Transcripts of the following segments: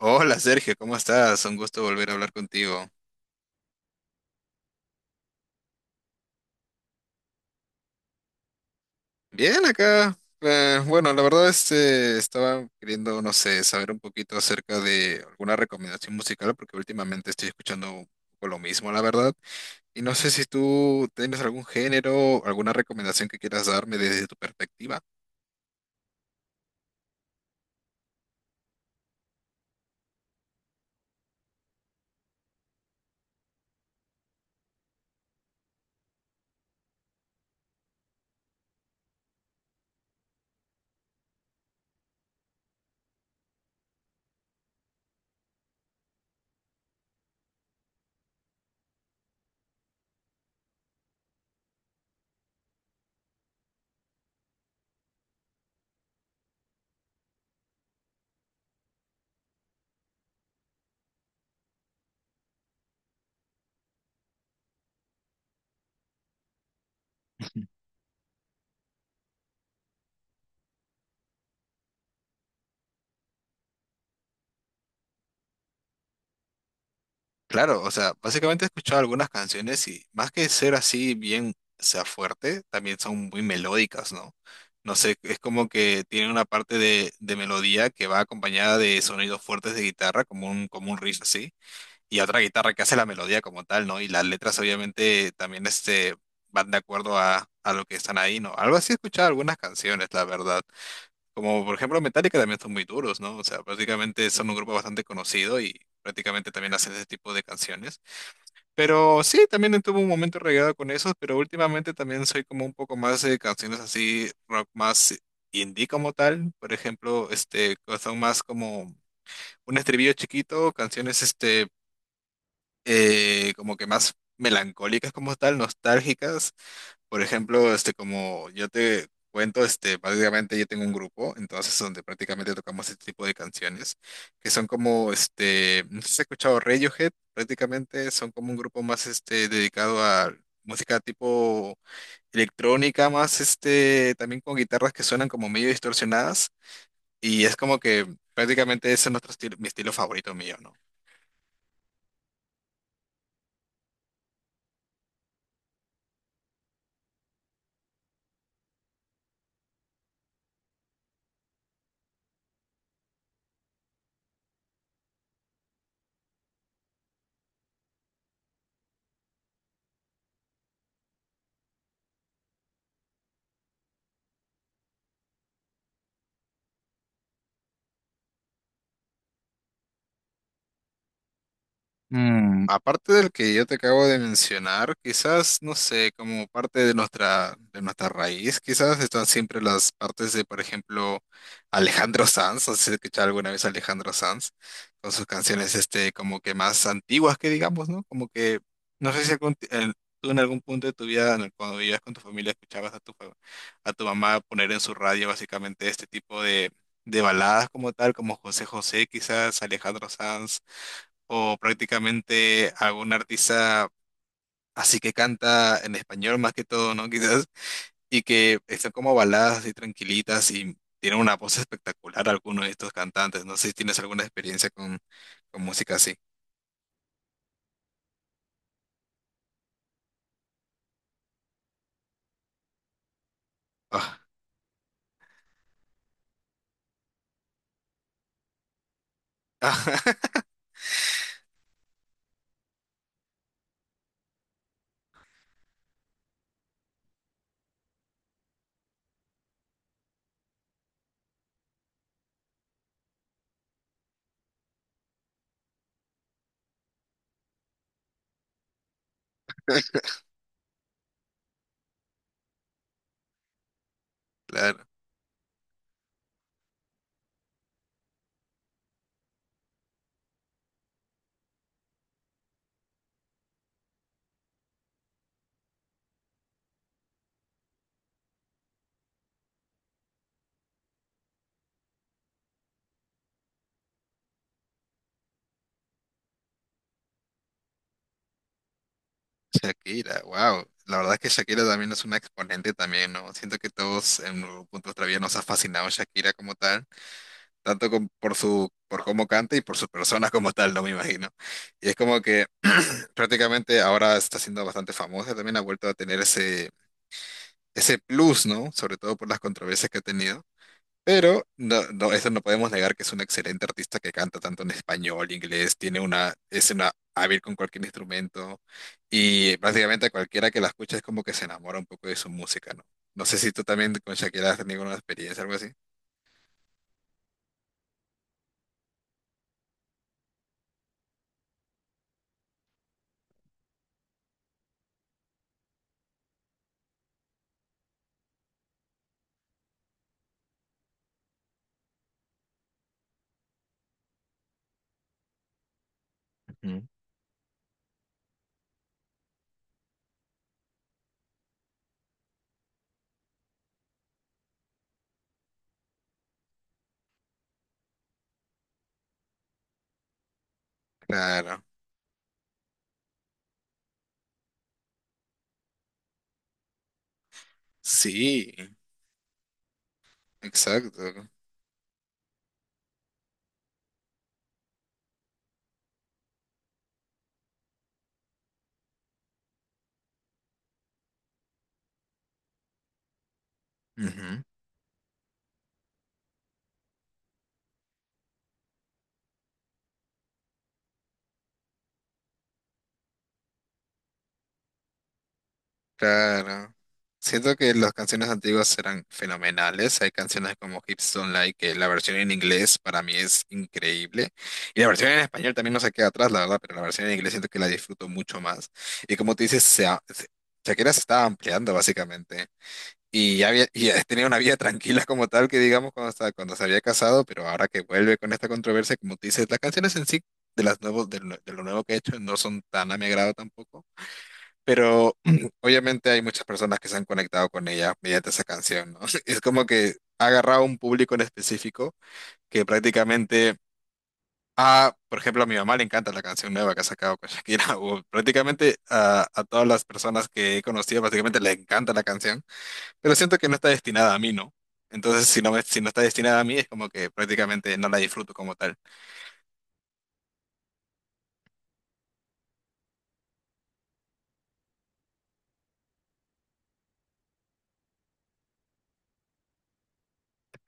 Hola Sergio, ¿cómo estás? Un gusto volver a hablar contigo. Bien acá. Bueno, la verdad es que estaba queriendo, no sé, saber un poquito acerca de alguna recomendación musical porque últimamente estoy escuchando un poco lo mismo, la verdad. Y no sé si tú tienes algún género, alguna recomendación que quieras darme desde tu perspectiva. Claro, o sea, básicamente he escuchado algunas canciones y más que ser así bien, o sea, fuerte, también son muy melódicas, ¿no? No sé, es como que tienen una parte de melodía que va acompañada de sonidos fuertes de guitarra, como un riff así, y otra guitarra que hace la melodía como tal, ¿no? Y las letras obviamente también este, van de acuerdo a lo que están ahí, ¿no? Algo así he escuchado algunas canciones, la verdad. Como por ejemplo Metallica también son muy duros, ¿no? O sea, prácticamente son un grupo bastante conocido y prácticamente también hacen ese tipo de canciones. Pero sí, también tuve un momento regado con esos, pero últimamente también soy como un poco más de canciones así, rock más indie como tal. Por ejemplo, este, que son más como un estribillo chiquito, canciones este, como que más melancólicas como tal, nostálgicas. Por ejemplo, este, como yo te cuento, este, básicamente yo tengo un grupo, entonces donde prácticamente tocamos este tipo de canciones, que son como, este, no sé si has escuchado Radiohead, prácticamente son como un grupo más, este, dedicado a música tipo electrónica, más, este, también con guitarras que suenan como medio distorsionadas, y es como que prácticamente ese es nuestro estilo, mi estilo favorito mío, ¿no? Aparte del que yo te acabo de mencionar, quizás, no sé, como parte de nuestra raíz, quizás están siempre las partes de, por ejemplo, Alejandro Sanz, no sé si has escuchado alguna vez a Alejandro Sanz, con sus canciones este, como que más antiguas que digamos, ¿no? Como que, no sé si tú en algún punto de tu vida, cuando vivías con tu familia, escuchabas a a tu mamá poner en su radio básicamente este tipo de baladas como tal, como José José, quizás, Alejandro Sanz o prácticamente algún artista así que canta en español más que todo, ¿no? Quizás, y que están como baladas así tranquilitas y tienen una voz espectacular algunos de estos cantantes. No sé si tienes alguna experiencia con música así. Ah, ah, claro, Shakira, wow. La verdad es que Shakira también es una exponente también, ¿no? Siento que todos en algún punto de nuestra vida nos ha fascinado Shakira como tal, por su, por cómo canta y por su persona como tal, no me imagino. Y es como que prácticamente ahora está siendo bastante famosa, también ha vuelto a tener ese, ese plus, ¿no? Sobre todo por las controversias que ha tenido. Pero no, no, eso no podemos negar que es una excelente artista que canta tanto en español, inglés, tiene una, es una hábil con cualquier instrumento y prácticamente cualquiera que la escucha es como que se enamora un poco de su música, ¿no? No sé si tú también con Shakira has tenido una experiencia, algo así. Claro, sí, exacto. Ujú. Claro. Siento que las canciones antiguas eran fenomenales. Hay canciones como Hips Don't Lie, que la versión en inglés para mí es increíble. Y la versión en español también no se queda atrás, la verdad, pero la versión en inglés siento que la disfruto mucho más. Y como tú dices, Shakira se estaba ampliando básicamente. Y ya había, y ya tenía una vida tranquila como tal, que digamos, cuando se había casado, pero ahora que vuelve con esta controversia, como tú dices, las canciones en sí de, las nuevos, de lo nuevo que he hecho no son tan a mi agrado tampoco. Pero obviamente hay muchas personas que se han conectado con ella mediante esa canción, ¿no? Es como que ha agarrado un público en específico que prácticamente a, por ejemplo, a mi mamá le encanta la canción nueva que ha sacado con Shakira, o prácticamente a todas las personas que he conocido, básicamente le encanta la canción, pero siento que no está destinada a mí, ¿no? Entonces, si no está destinada a mí, es como que prácticamente no la disfruto como tal.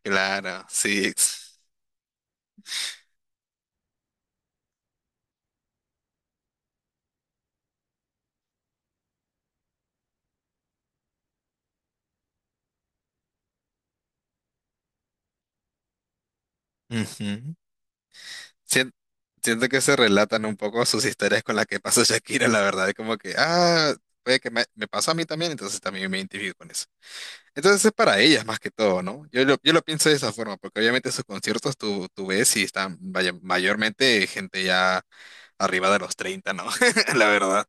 Claro, sí. Ujú. Sien- Siento que se relatan un poco sus historias con las que pasó Shakira, la verdad. Es como que, ah, puede que me pasó a mí también, entonces también me identifico con eso. Entonces es para ellas más que todo, ¿no? Yo lo pienso de esa forma, porque obviamente sus conciertos tú ves y están mayormente gente ya arriba de los 30, ¿no? La verdad.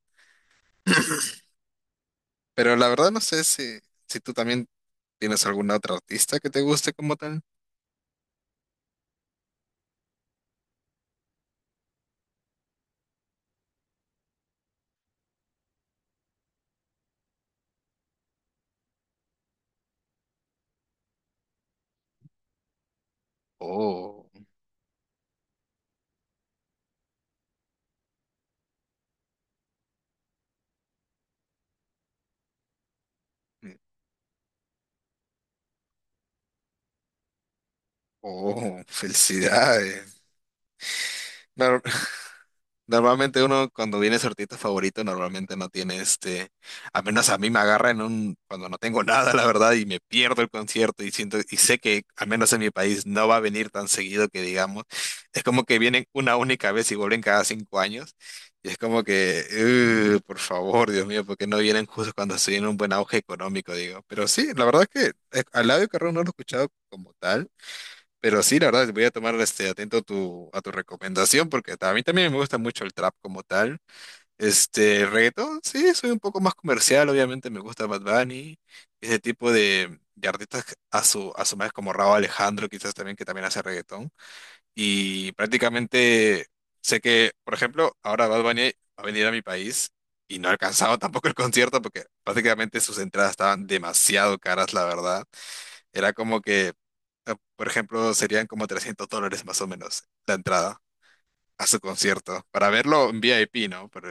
Pero la verdad no sé si, si tú también tienes alguna otra artista que te guste como tal. Oh, mm, oh, felicidades. Nor- Normalmente uno cuando viene su artista favorito normalmente no tiene este, a menos a mí me agarra en un, cuando no tengo nada, la verdad, y me pierdo el concierto y siento, y sé que al menos en mi país no va a venir tan seguido que digamos, es como que vienen una única vez y vuelven cada 5 años, y es como que, por favor, Dios mío, porque no vienen justo cuando estoy en un buen auge económico", digo. Pero sí, la verdad es que al lado de Carrón no lo he escuchado como tal. Pero sí, la verdad, voy a tomar este atento tu, a tu recomendación porque a mí también me gusta mucho el trap como tal. Este, el reggaetón, sí, soy un poco más comercial, obviamente me gusta Bad Bunny, ese tipo de artistas que a su vez como Rauw Alejandro, quizás también, que también hace reggaetón. Y prácticamente sé que, por ejemplo, ahora Bad Bunny va a venir a mi país y no ha alcanzado tampoco el concierto porque prácticamente sus entradas estaban demasiado caras, la verdad. Era como que por ejemplo, serían como $300 más o menos la entrada a su concierto, para verlo en VIP, ¿no? Pero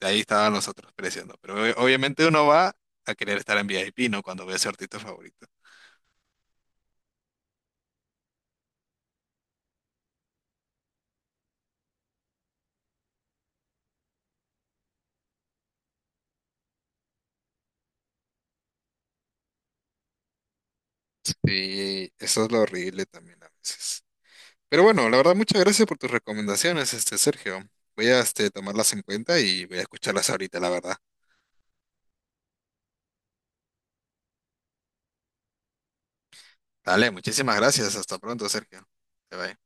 de ahí estaban los otros precios, ¿no? Pero obviamente uno va a querer estar en VIP, ¿no? Cuando ve a su artista favorito. Sí, eso es lo horrible también a veces. Pero bueno, la verdad, muchas gracias por tus recomendaciones, este Sergio. Voy a este, tomarlas en cuenta y voy a escucharlas ahorita, la verdad. Dale, muchísimas gracias. Hasta pronto, Sergio. Bye bye.